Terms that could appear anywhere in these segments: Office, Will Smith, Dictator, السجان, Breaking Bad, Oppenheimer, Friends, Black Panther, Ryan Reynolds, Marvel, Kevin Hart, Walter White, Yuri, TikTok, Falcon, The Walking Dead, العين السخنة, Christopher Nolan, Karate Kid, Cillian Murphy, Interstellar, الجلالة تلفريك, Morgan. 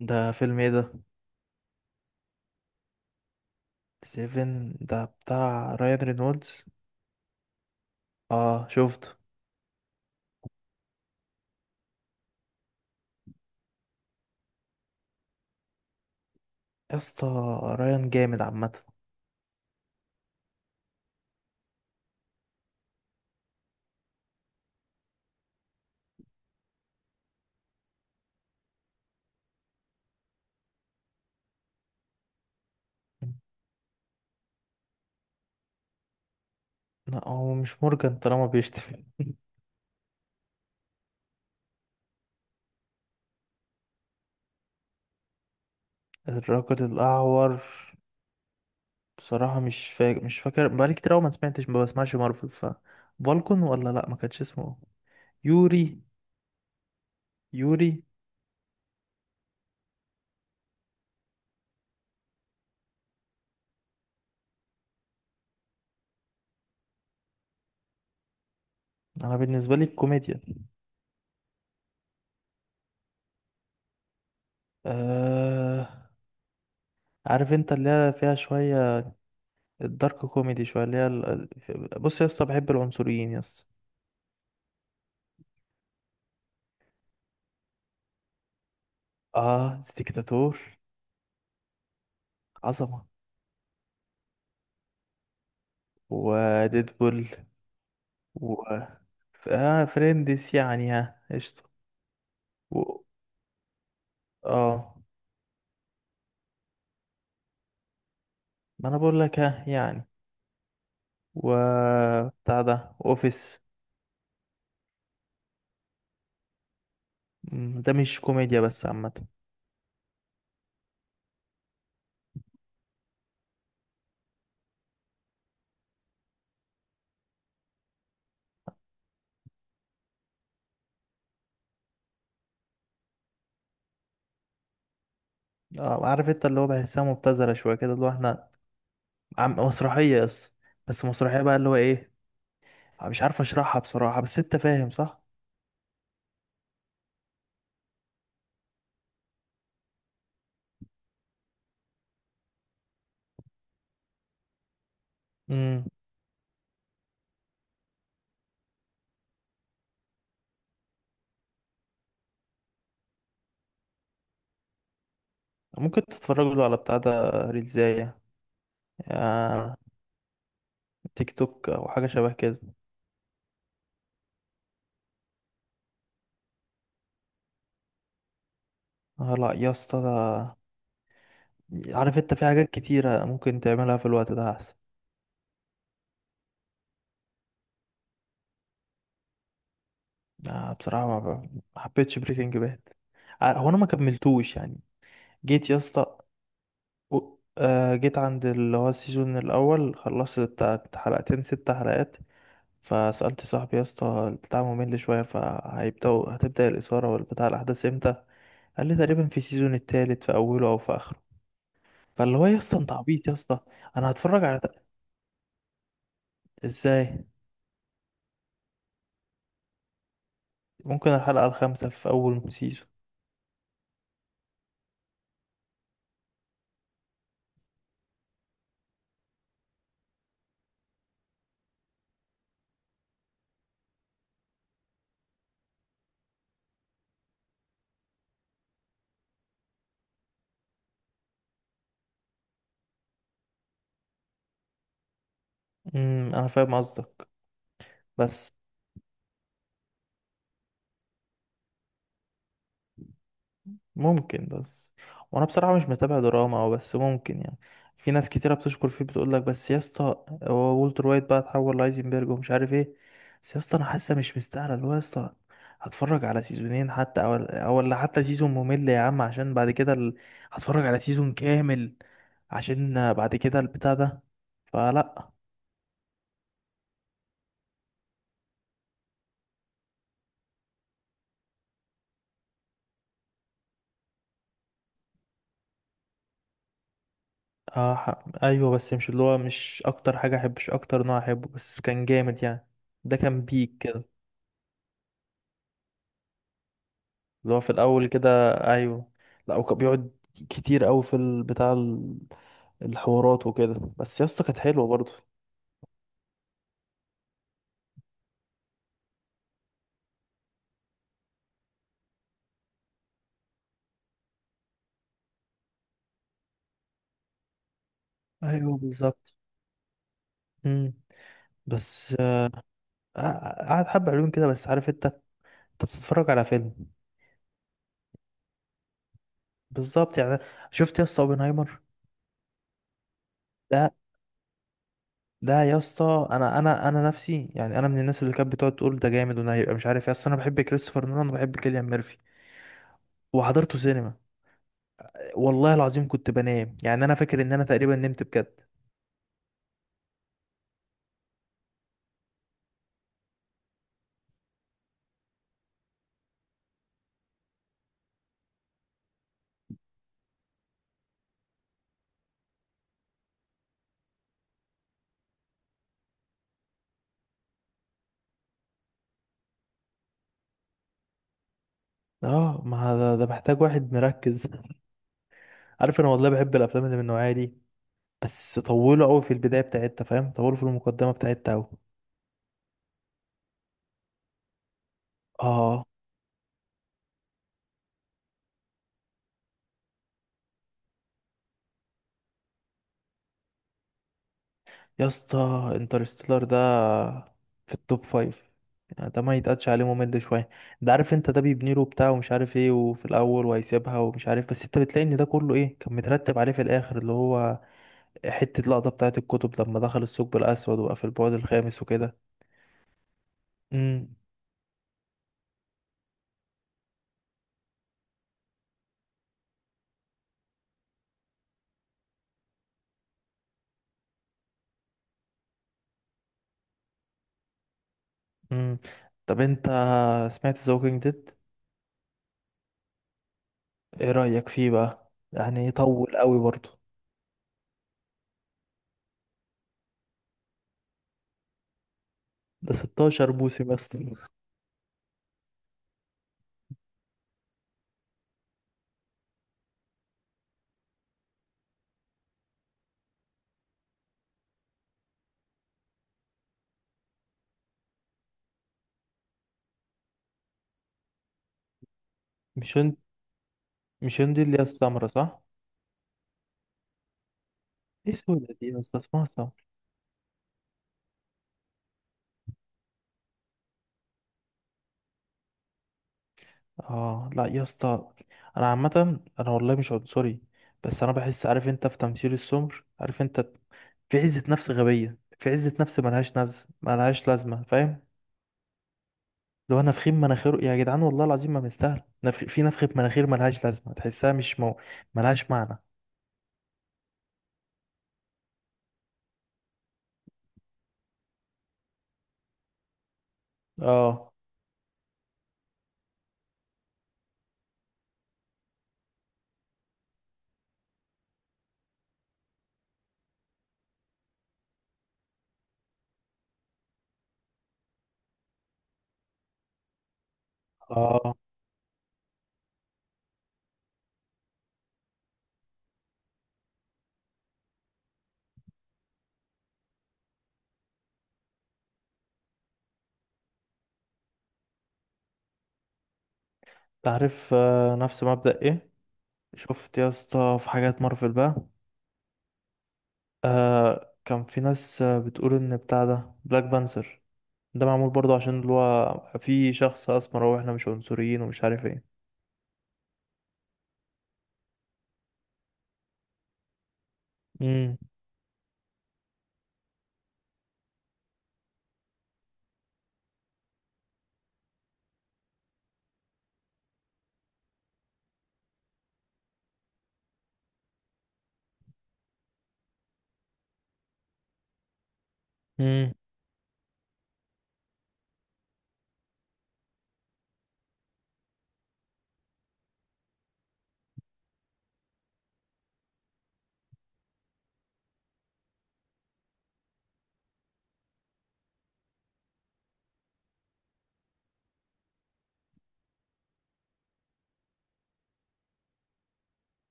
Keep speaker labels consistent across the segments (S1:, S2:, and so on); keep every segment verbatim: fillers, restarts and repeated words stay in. S1: ده فيلم ايه ده؟ سيفن ده بتاع رايان رينولدز. اه شفته. يا اسطى رايان جامد عامه. لا هو مش مورجان طالما بيشتم. الرجل الاعور. بصراحه مش فاكر مش فاكر بقالي كتير أوي ما سمعتش، ما بسمعش مارفل. ف فالكون ولا لا، ما كانش اسمه يوري؟ يوري. انا بالنسبه لي الكوميديا. آه... عارف انت اللي هي فيها شويه، الدارك كوميدي شويه، اللي هي ال... ال- بص يا اسطى، بحب العنصريين يا اسطى. اه ديكتاتور. عظمة. وديدبول، و ف- آه فريندس يعني، ها قشطة. و... اه ما انا بقول لك، ها يعني. و بتاع ده اوفيس. مم، ده مش كوميديا بس عامة. اه عارف انت اللي هو بحسها مبتذلة شوية كده، اللي هو احنا عم... مسرحية بس، بس مسرحية بقى اللي هو ايه، مش عارف اشرحها بصراحة، بس انت فاهم صح؟ مم. ممكن تتفرجوا له على بتاع ده، ريلزاية. آه... تيك توك او حاجة شبه كده. آه لا يا اسطى، ده عارف انت في حاجات كتيرة ممكن تعملها في الوقت ده احسن. آه بصراحة ما ما حبيتش بريكنج باد، هو انا ما كملتوش يعني. جيت يا اسطى، و- آه جيت عند اللي هو السيزون الاول، خلصت بتاعت حلقتين ست حلقات، فسألت صاحبي يا اسطى، البتاع ممل شوية، فهيبدأوا هتبدأ الإثارة والبتاع الأحداث امتى؟ قال لي تقريبا في السيزون التالت في أوله أو في آخره. فاللي هو يا اسطى، انت عبيط يا اسطى. انا هتفرج على، ازاي؟ ممكن الحلقة الخامسة في أول سيزون. امم انا فاهم قصدك، بس ممكن بس، وانا بصراحه مش متابع دراما او بس ممكن يعني. في ناس كتيره بتشكر فيه، بتقول لك بس يا اسطى هو والتر وايت بقى اتحول لايزنبرج ومش عارف ايه. بس يا اسطى انا حاسه مش مستاهله، اللي هو يا اسطى هتفرج على سيزونين حتى او او ولا حتى سيزون ممل يا عم، عشان بعد كده ال... هتفرج على سيزون كامل عشان بعد كده البتاع ده، فلا. اه ح- ايوه، بس مش اللي هو مش اكتر حاجه احب، مش اكتر نوع احبه، بس كان جامد يعني. ده كان بيك كده. اللي هو في الاول كده، ايوه. لا وكان بيقعد كتير قوي في ال- بتاع ال- الحوارات وكده، بس يا اسطى كانت حلوه برضه. ايوه بالظبط. امم. بس آه، قعد حبه حلوين كده، بس عارف انت، انت بتتفرج على فيلم. بالظبط يعني. شفت يا اسطى اوبنهايمر ده؟ ده يا اسطى انا انا انا نفسي يعني، انا من الناس اللي كانت بتقعد تقول ده جامد وده هيبقى مش عارف، يا اسطى انا بحب كريستوفر نولان وبحب كيليان ميرفي، وحضرته سينما، والله العظيم كنت بنام يعني. انا فاكر ان انا تقريبا نمت بجد. اه ما ده, ده محتاج واحد مركز. عارف انا والله بحب الافلام اللي من النوعيه دي، بس طولوا قوي في البدايه بتاعتها، فاهم، طولوا في المقدمه بتاعتها قوي. اه يا اسطى، انترستيلر ده في التوب فايف يعني، ده ما يتقدش عليه ممل شويه. ده عارف انت، ده بيبني له بتاع ومش عارف ايه، وفي الاول وهيسيبها ومش عارف، بس انت بتلاقي ان ده كله ايه كان مترتب عليه في الاخر، اللي هو حته لقطه بتاعه الكتب لما دخل الثقب الاسود، وقف في البعد الخامس وكده. امم. امم طب انت، سمعت ذا ووكينج ديد؟ ايه رايك فيه بقى، يعني طول قوي برضه. ده ستاشر موسم بس. مش هند، مش هند اللي هي السمرة صح؟ ايه سودا دي يا اسطى، اسمها سمرة. اه لا يا اسطى، انا عامه انا والله مش عنصري، بس انا بحس عارف انت، في تمثيل السمر عارف انت، في عزة نفس غبية، في عزة نفس ملهاش نفس، ملهاش لازمة، فاهم. لو انا نفخين مناخيره يا جدعان، والله العظيم ما مستاهل نفخ، في نفخة مناخير ملهاش لازمة، تحسها مش مو... ملهاش معنى. اه اه. تعرف آه، نفس مبدأ ايه، شفت يا اسطى في حاجات مارفل بقى، آه كان في ناس آه، بتقول ان بتاع ده بلاك بانثر، ده معمول برضه عشان اللي هو في شخص اسمر، هو احنا مش عنصريين ومش عارف ايه. امم. امم.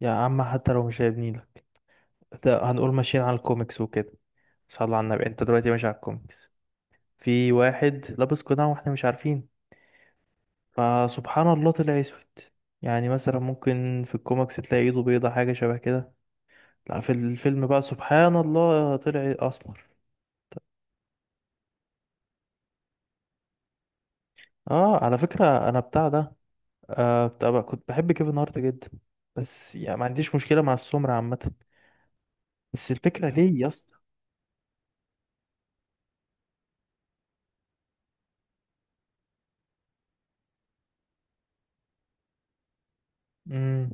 S1: يا عم حتى لو مش هيبنيلك، ده هنقول ماشيين على الكوميكس وكده. صلى على النبي، انت دلوقتي ماشي على الكوميكس، في واحد لابس قناع واحنا مش عارفين، فسبحان الله طلع اسود. يعني مثلا ممكن في الكوميكس تلاقي ايده بيضة حاجة شبه كده، لا في الفيلم بقى سبحان الله طلع اسمر. اه على فكرة، انا بتاع ده آه بتاع بقى، كنت بحب كيفن هارت جدا، بس يعني ما عنديش مشكلة مع السمر عامة، بس الفكرة ليه يا اسطى. امم.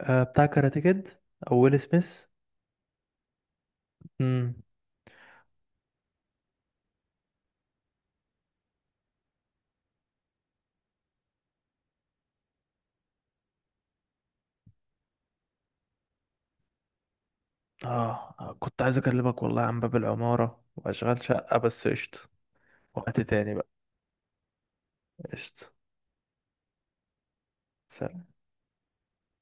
S1: آه بتاع كاراتيه كيد، او ويل سميث. امم. اه كنت عايز اكلمك والله عن باب العمارة واشغال شقة، بس قشطة. وقت تاني بقى. قشطة. سلام.